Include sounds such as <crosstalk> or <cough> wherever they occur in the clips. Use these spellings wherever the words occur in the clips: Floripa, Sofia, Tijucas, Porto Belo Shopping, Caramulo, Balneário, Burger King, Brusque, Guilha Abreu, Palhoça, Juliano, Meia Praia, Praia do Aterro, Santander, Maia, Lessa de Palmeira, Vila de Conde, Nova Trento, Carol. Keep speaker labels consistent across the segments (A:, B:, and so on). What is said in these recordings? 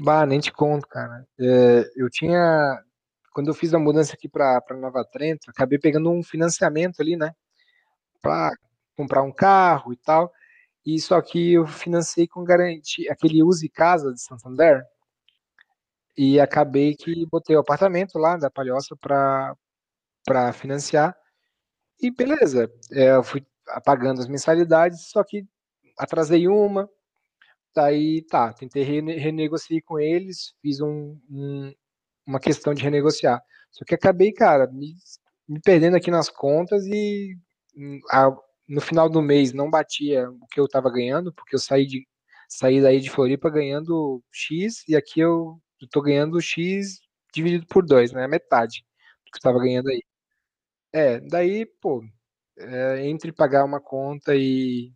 A: Bah, nem te conto, cara. É, eu tinha, quando eu fiz a mudança aqui para Nova Trento, acabei pegando um financiamento ali, né, para comprar um carro e tal. E só que eu financei com garantia, aquele Use Casa de Santander, e acabei que botei o apartamento lá da Palhoça para financiar. E beleza, é, eu fui pagando as mensalidades, só que atrasei uma, daí tá, tentei renegociar com eles, fiz uma questão de renegociar. Só que acabei, cara, me perdendo aqui nas contas e hum, a, no final do mês não batia o que eu estava ganhando, porque eu saí daí de Floripa ganhando X e aqui eu estou ganhando X dividido por dois, né? Metade do que eu estava ganhando aí. É, daí, pô, é, entre pagar uma conta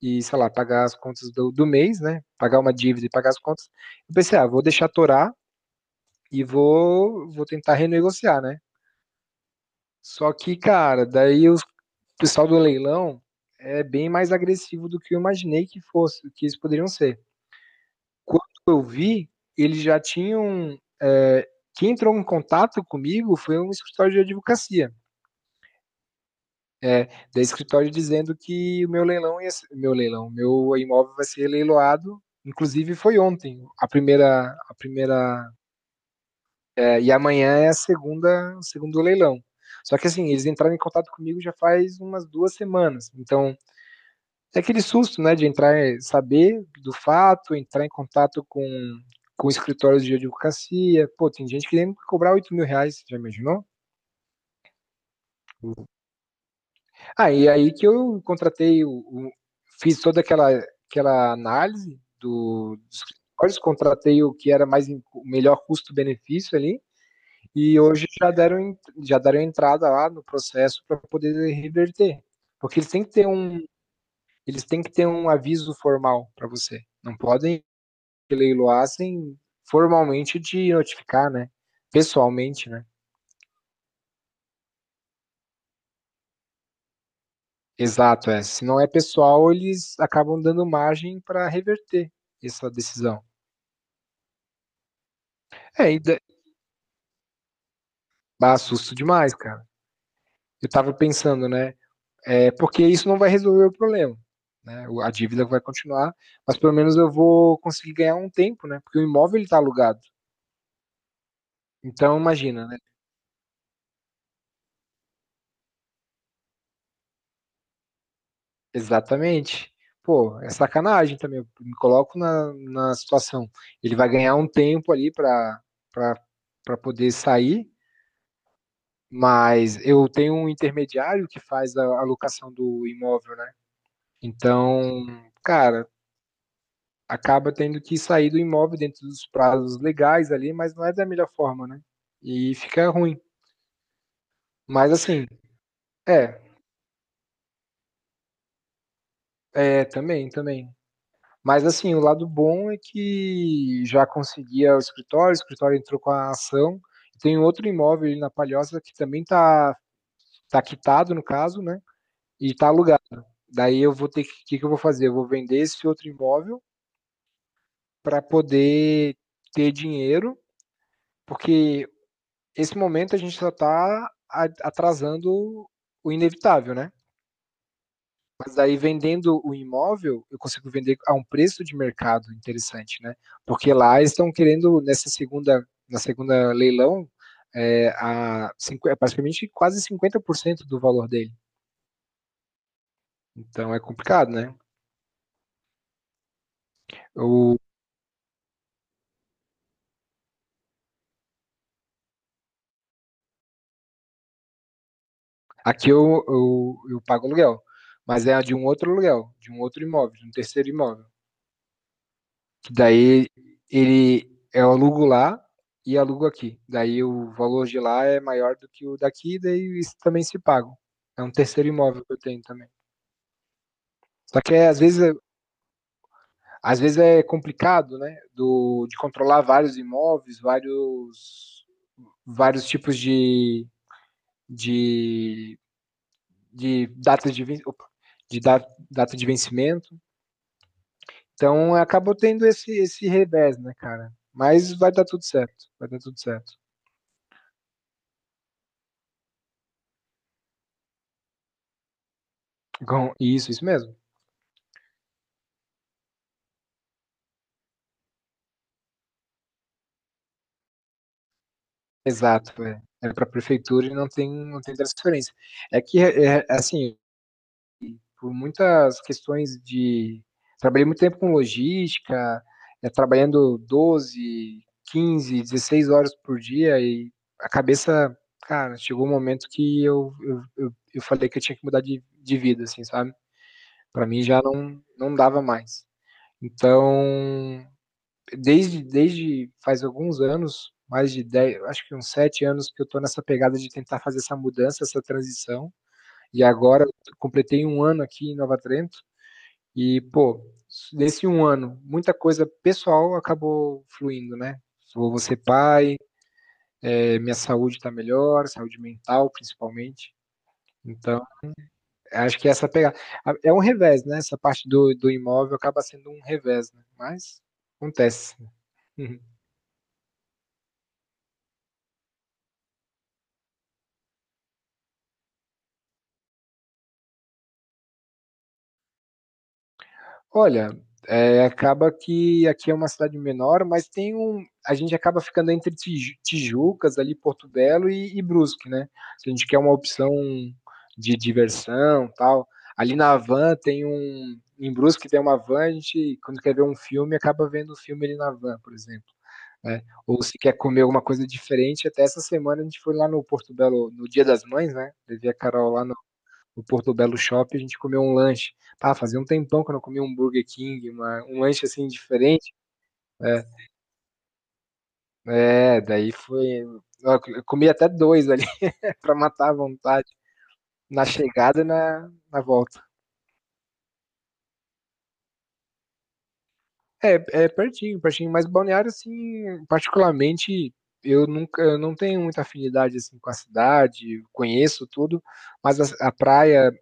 A: e, sei lá, pagar as contas do mês, né? Pagar uma dívida e pagar as contas, eu pensei, ah, vou deixar torar e vou tentar renegociar, né? Só que, cara, daí o pessoal do leilão é bem mais agressivo do que eu imaginei que fosse, que eles poderiam ser. Quando eu vi, eles já tinham. Quem entrou em contato comigo foi um escritório de advocacia. Da escritório dizendo que o meu leilão ia ser, meu imóvel vai ser leiloado. Inclusive foi ontem a primeira, e amanhã é a segunda, o segundo leilão. Só que assim eles entraram em contato comigo já faz umas 2 semanas. Então é aquele susto, né, de entrar, saber do fato, entrar em contato com escritórios de advocacia. Pô, tem gente querendo cobrar R$ 8.000, já imaginou? Ah, e aí que eu contratei, fiz toda aquela análise dos escritórios, contratei o que era mais o melhor custo-benefício ali, e hoje já deram entrada lá no processo para poder reverter. Porque eles têm que ter um aviso formal para você. Não podem leiloassem formalmente de notificar, né? Pessoalmente, né? Exato, é. Se não é pessoal, eles acabam dando margem para reverter essa decisão. É, e dá susto demais, cara. Eu tava pensando, né? É, porque isso não vai resolver o problema. Né? A dívida vai continuar, mas pelo menos eu vou conseguir ganhar um tempo, né? Porque o imóvel ele tá alugado. Então, imagina, né? Exatamente. Pô, é sacanagem também. Eu me coloco na situação. Ele vai ganhar um tempo ali para poder sair, mas eu tenho um intermediário que faz a alocação do imóvel, né? Então, cara, acaba tendo que sair do imóvel dentro dos prazos legais ali, mas não é da melhor forma, né? E fica ruim. Mas assim, é, é, também, também. Mas assim, o lado bom é que já conseguia o escritório, entrou com a ação. Tem um outro imóvel ali na Palhoça que também tá quitado no caso, né, e tá alugado. Daí eu vou ter que o que que eu vou fazer? Eu vou vender esse outro imóvel para poder ter dinheiro, porque esse momento a gente só tá a atrasando o inevitável, né. Mas aí vendendo o imóvel, eu consigo vender a um preço de mercado interessante, né? Porque lá eles estão querendo, na segunda leilão, é praticamente quase 50% do valor dele. Então é complicado, né? Eu, aqui eu pago aluguel, mas é de um outro aluguel, de um outro imóvel, de um terceiro imóvel. Que daí ele é, eu alugo lá e alugo aqui. Daí o valor de lá é maior do que o daqui, daí isso também se paga. É um terceiro imóvel que eu tenho também. Só que é, às vezes é complicado, né? De controlar vários imóveis, vários tipos de, de data de data de vencimento. Então acabou tendo esse revés, né, cara? Mas vai dar tudo certo. Vai dar tudo certo. Isso, isso mesmo. Exato, é. É pra prefeitura e não tem transferência. É que, assim, por muitas questões de trabalhei muito tempo com logística, trabalhando 12, 15, 16 horas por dia e a cabeça cara, chegou um momento que eu falei que eu tinha que mudar de vida, assim, sabe. Para mim já não dava mais. Então, desde faz alguns anos, mais de 10, acho que uns 7 anos que eu estou nessa pegada de tentar fazer essa mudança, essa transição. E agora completei um ano aqui em Nova Trento. E, pô, nesse um ano, muita coisa pessoal acabou fluindo, né? Vou ser pai, é, minha saúde está melhor, saúde mental principalmente. Então, acho que essa pegada. É um revés, né? Essa parte do imóvel acaba sendo um revés, né? Mas acontece. <laughs> Olha, acaba que aqui é uma cidade menor, mas tem um a gente acaba ficando entre Tijucas, ali, Porto Belo e Brusque, né. Se a gente quer uma opção de diversão, tal, ali na van tem um em Brusque tem uma van, a gente quando quer ver um filme, acaba vendo o filme ali na van, por exemplo, né. Ou se quer comer alguma coisa diferente, até essa semana a gente foi lá no Porto Belo no Dia das Mães, né, levei a Carol lá no Porto Belo Shopping, a gente comeu um lanche. Ah, fazia um tempão que eu não comia um Burger King, uma um lanche, assim, diferente. É, é, daí foi ó, eu comi até 2 ali <laughs> pra matar a vontade, na chegada e na volta. É, é pertinho, pertinho, mas Balneário, assim, particularmente, eu nunca eu não tenho muita afinidade, assim, com a cidade, conheço tudo, mas a praia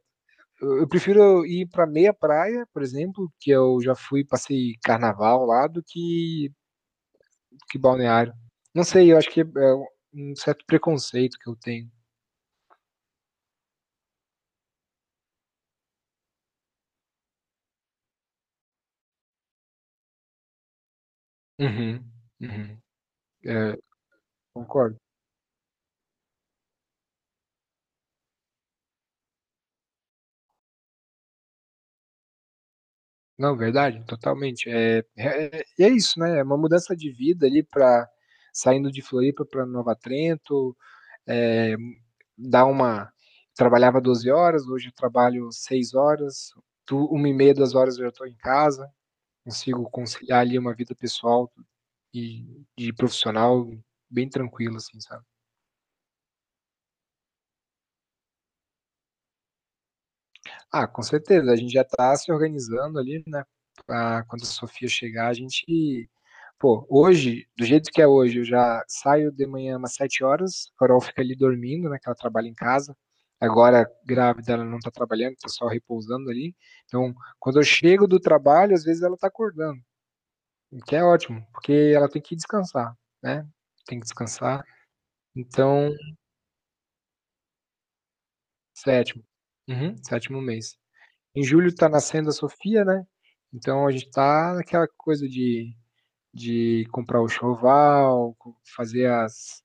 A: eu prefiro ir para meia praia, por exemplo, que eu já fui, passei carnaval lá, do que balneário. Não sei, eu acho que é um certo preconceito que eu tenho. Uhum, uhum. É, concordo. Não, verdade, totalmente. É, é, e é isso, né? É uma mudança de vida ali para saindo de Floripa para Nova Trento, é, dar uma. Trabalhava 12 horas, hoje eu trabalho 6 horas, tu, uma e meia, duas horas eu já estou em casa, consigo conciliar ali uma vida pessoal e de profissional bem tranquila, assim, sabe? Ah, com certeza. A gente já está se organizando ali, né, pra quando a Sofia chegar, a gente pô, hoje, do jeito que é hoje, eu já saio de manhã umas 7h. A Carol fica ali dormindo, né, que ela trabalha em casa. Agora, grávida, ela não está trabalhando, tá só repousando ali. Então, quando eu chego do trabalho, às vezes ela está acordando, o que é ótimo, porque ela tem que descansar, né, tem que descansar. Então, sétimo. Uhum, sétimo mês. Em julho está nascendo a Sofia, né? Então a gente está naquela coisa de comprar o choval, fazer as.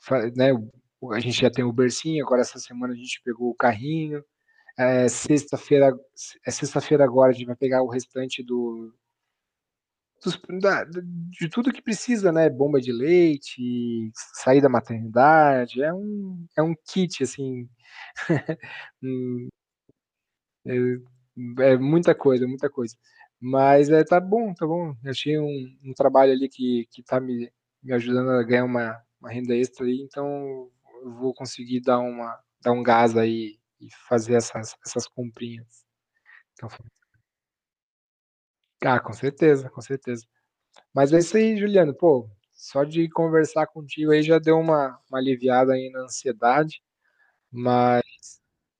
A: Né? A gente já tem o bercinho, agora essa semana a gente pegou o carrinho. É, sexta-feira, agora a gente vai pegar o restante de tudo que precisa, né? Bomba de leite, sair da maternidade. É um kit, assim. É, é muita coisa, muita coisa. Mas é, tá bom, tá bom. Eu tinha um trabalho ali que tá me ajudando a ganhar uma renda extra aí, então eu vou conseguir dar um gás aí e fazer essas comprinhas. Então, ah, com certeza, com certeza. Mas é isso aí, Juliano. Pô, só de conversar contigo aí já deu uma aliviada aí na ansiedade, mas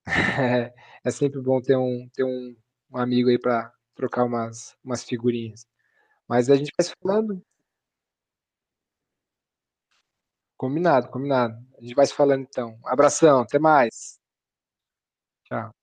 A: <laughs> é, sempre bom ter um amigo aí para trocar umas figurinhas. Mas a gente vai se falando. Combinado, combinado. A gente vai se falando então. Abração, até mais. Tchau.